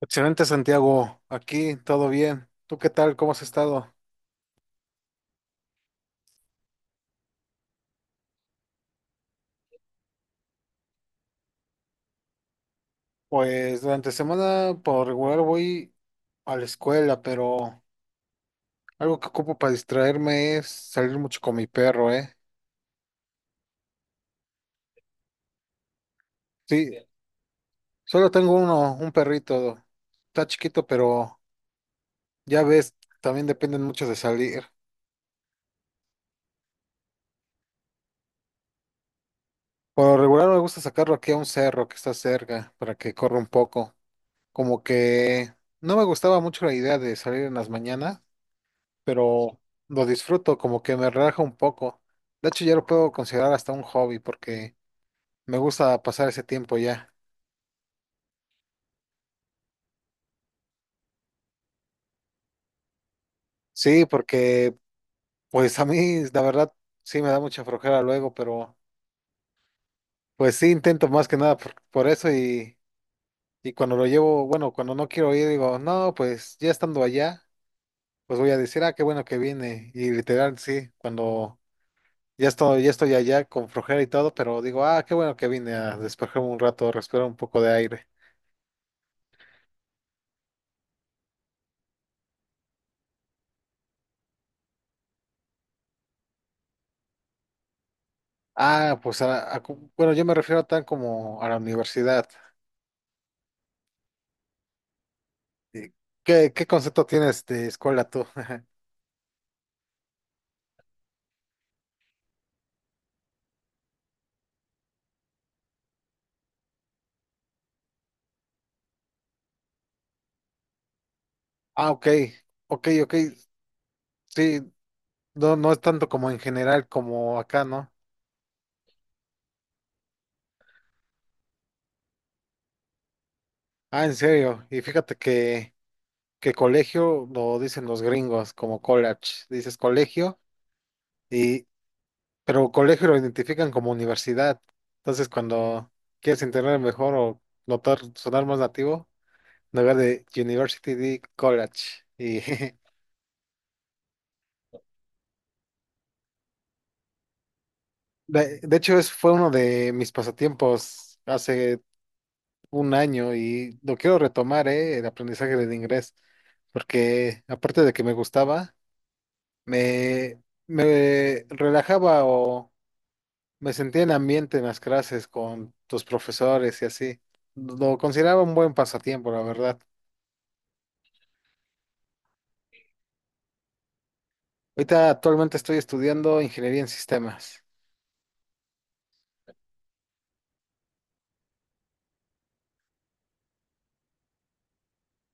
Excelente, Santiago. Aquí todo bien. ¿Tú qué tal? ¿Cómo has estado? Pues durante semana por regular voy a la escuela, pero algo que ocupo para distraerme es salir mucho con mi perro, ¿eh? Sí, solo tengo uno, un perrito. Está chiquito, pero ya ves, también dependen mucho de salir. Por lo regular me gusta sacarlo aquí a un cerro que está cerca para que corra un poco. Como que no me gustaba mucho la idea de salir en las mañanas, pero lo disfruto, como que me relaja un poco. De hecho, ya lo puedo considerar hasta un hobby porque me gusta pasar ese tiempo ya. Sí, porque pues a mí la verdad sí me da mucha flojera luego, pero pues sí intento más que nada por eso, y cuando lo llevo, bueno, cuando no quiero ir digo, no, pues ya estando allá, pues voy a decir, ah, qué bueno que vine. Y literal, sí, cuando ya estoy allá con flojera y todo, pero digo, ah, qué bueno que vine a despejarme un rato, respirar un poco de aire. Ah, pues yo me refiero a tan como a la universidad. Eh, ¿Qué, qué concepto tienes de escuela tú? Ah, ok, ok, ok, sí, no, no es tanto como en general como acá, ¿no? Ah, en serio, y fíjate que colegio lo dicen los gringos como college, dices colegio, y, pero colegio lo identifican como universidad. Entonces, cuando quieres entender mejor o notar, sonar más nativo, en lugar de university, di college, y De hecho, es, fue uno de mis pasatiempos hace un año y lo quiero retomar, ¿eh? El aprendizaje del inglés, porque aparte de que me gustaba, me, me relajaba o me sentía en ambiente en las clases con tus profesores y así. Lo consideraba un buen pasatiempo, la verdad. Ahorita actualmente estoy estudiando ingeniería en sistemas.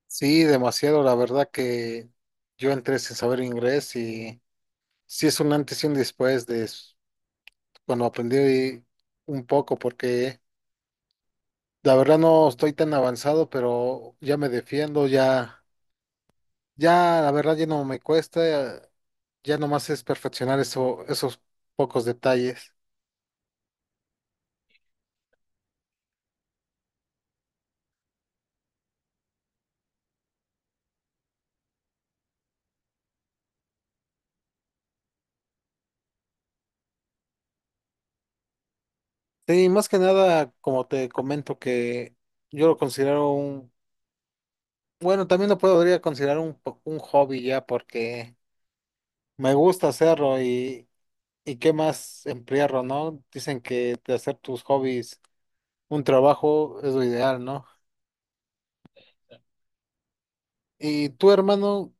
Sí, demasiado, la verdad que yo entré sin saber inglés y sí es un antes y un después de bueno, aprendí un poco porque la verdad no estoy tan avanzado, pero ya me defiendo, ya, ya la verdad ya no me cuesta, ya nomás es perfeccionar eso, esos pocos detalles. Sí, más que nada, como te comento, que yo lo considero un, bueno, también lo podría considerar un, un hobby ya porque me gusta hacerlo y qué más emplearlo, ¿no? Dicen que de hacer tus hobbies un trabajo es lo ideal, ¿no? Y tú, hermano,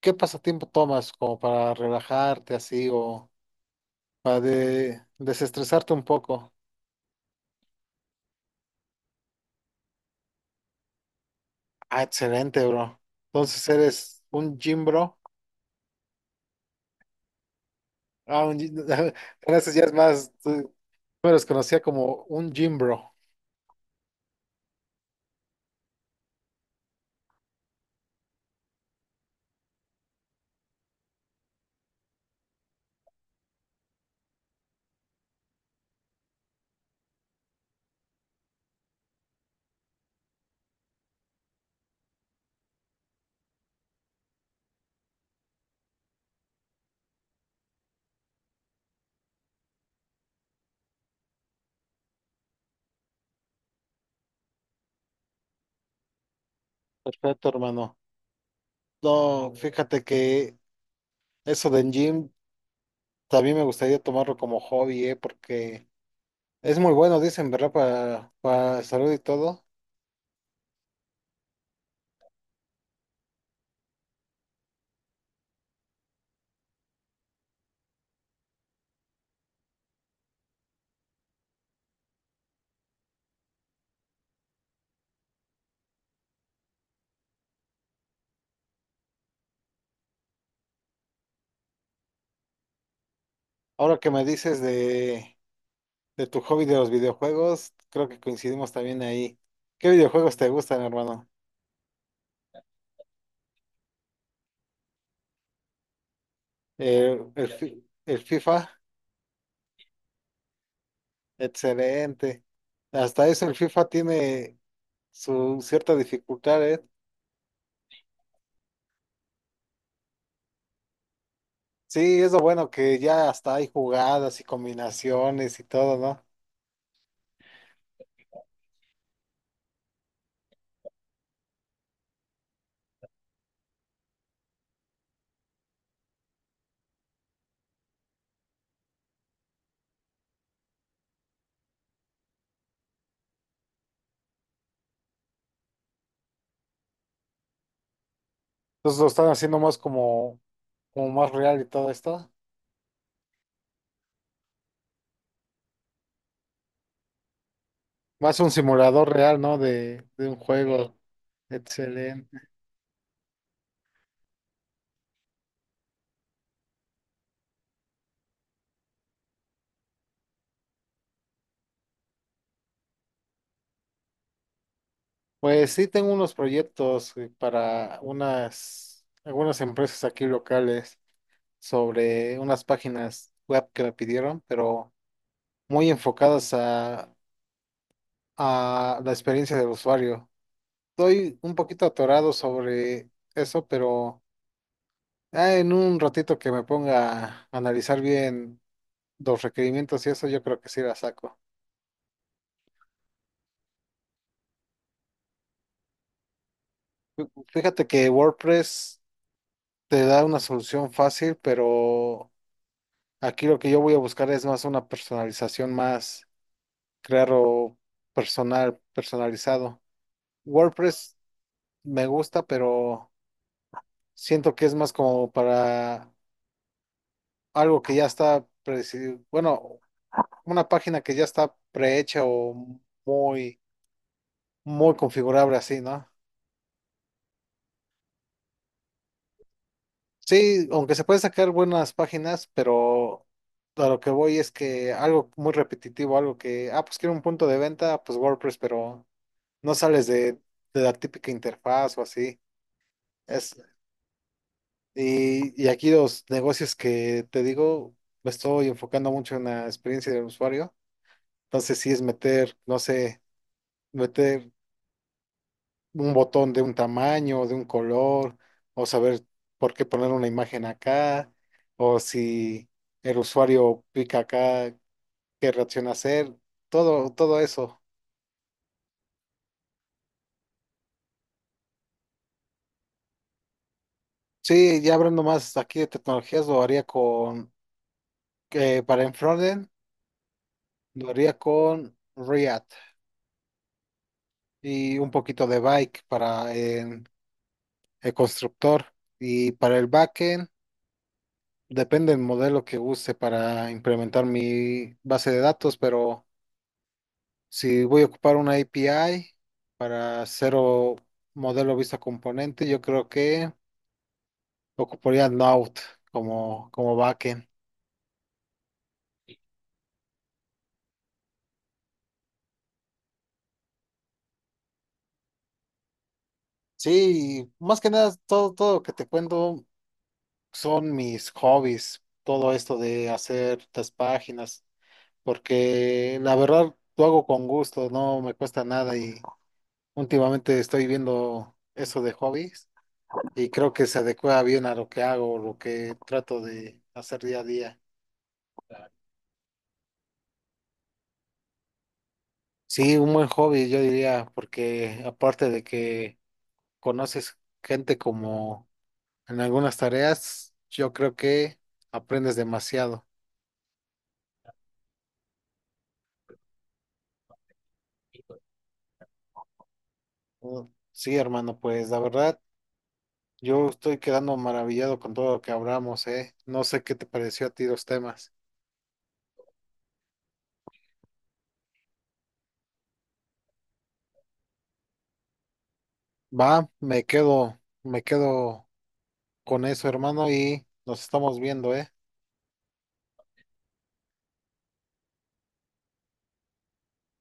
¿qué pasatiempo tomas como para relajarte así o para desestresarte un poco? Ah, excelente, bro. Entonces eres un gym bro. Ah, un Gracias, ya es más. Tú me los conocía como un gym bro. Perfecto, hermano. No, fíjate que eso del gym también me gustaría tomarlo como hobby, ¿eh? Porque es muy bueno, dicen, ¿verdad? Para salud y todo. Ahora que me dices de tu hobby de los videojuegos, creo que coincidimos también ahí. ¿Qué videojuegos te gustan, hermano? El, el FIFA, excelente. Hasta eso el FIFA tiene su cierta dificultad, ¿eh? Sí, es lo bueno que ya hasta hay jugadas y combinaciones y todo, ¿no? Entonces lo están haciendo más como, como más real y todo esto. Más un simulador real, ¿no? De un juego. Pues sí tengo unos proyectos para unas, algunas empresas aquí locales sobre unas páginas web que me pidieron, pero muy enfocadas a la experiencia del usuario. Estoy un poquito atorado sobre eso, pero ah, en un ratito que me ponga a analizar bien los requerimientos y eso, yo creo que sí la saco. Fíjate que WordPress te da una solución fácil, pero aquí lo que yo voy a buscar es más una personalización más, crearlo personal, personalizado. WordPress me gusta, pero siento que es más como para algo que ya está, bueno, una página que ya está prehecha o muy, muy configurable así, ¿no? Sí, aunque se pueden sacar buenas páginas, pero a lo que voy es que algo muy repetitivo, algo que, ah, pues quiero un punto de venta, pues WordPress, pero... no sales de la típica interfaz o así. Es, y aquí los negocios que te digo, me estoy enfocando mucho en la experiencia del usuario. Entonces sí es meter, no sé, meter un botón de un tamaño, de un color, o saber por qué poner una imagen acá, o si el usuario pica acá, qué reacción hacer, todo, todo eso. Sí, ya hablando más aquí de tecnologías, lo haría con, que para en frontend lo haría con React y un poquito de Bike para el constructor. Y para el backend, depende del modelo que use para implementar mi base de datos, pero si voy a ocupar una API para hacer modelo vista componente, yo creo que ocuparía Node como, como backend. Sí, y más que nada, todo, todo lo que te cuento son mis hobbies, todo esto de hacer estas páginas, porque la verdad lo hago con gusto, no me cuesta nada y últimamente estoy viendo eso de hobbies y creo que se adecua bien a lo que hago, lo que trato de hacer día a día. Sí, un buen hobby, yo diría, porque aparte de que conoces gente como en algunas tareas, yo creo que aprendes demasiado. Uh, Sí, hermano, pues la verdad, yo estoy quedando maravillado con todo lo que hablamos, ¿eh? No sé qué te pareció a ti los temas. Va, me quedo con eso, hermano, y nos estamos viendo, ¿eh?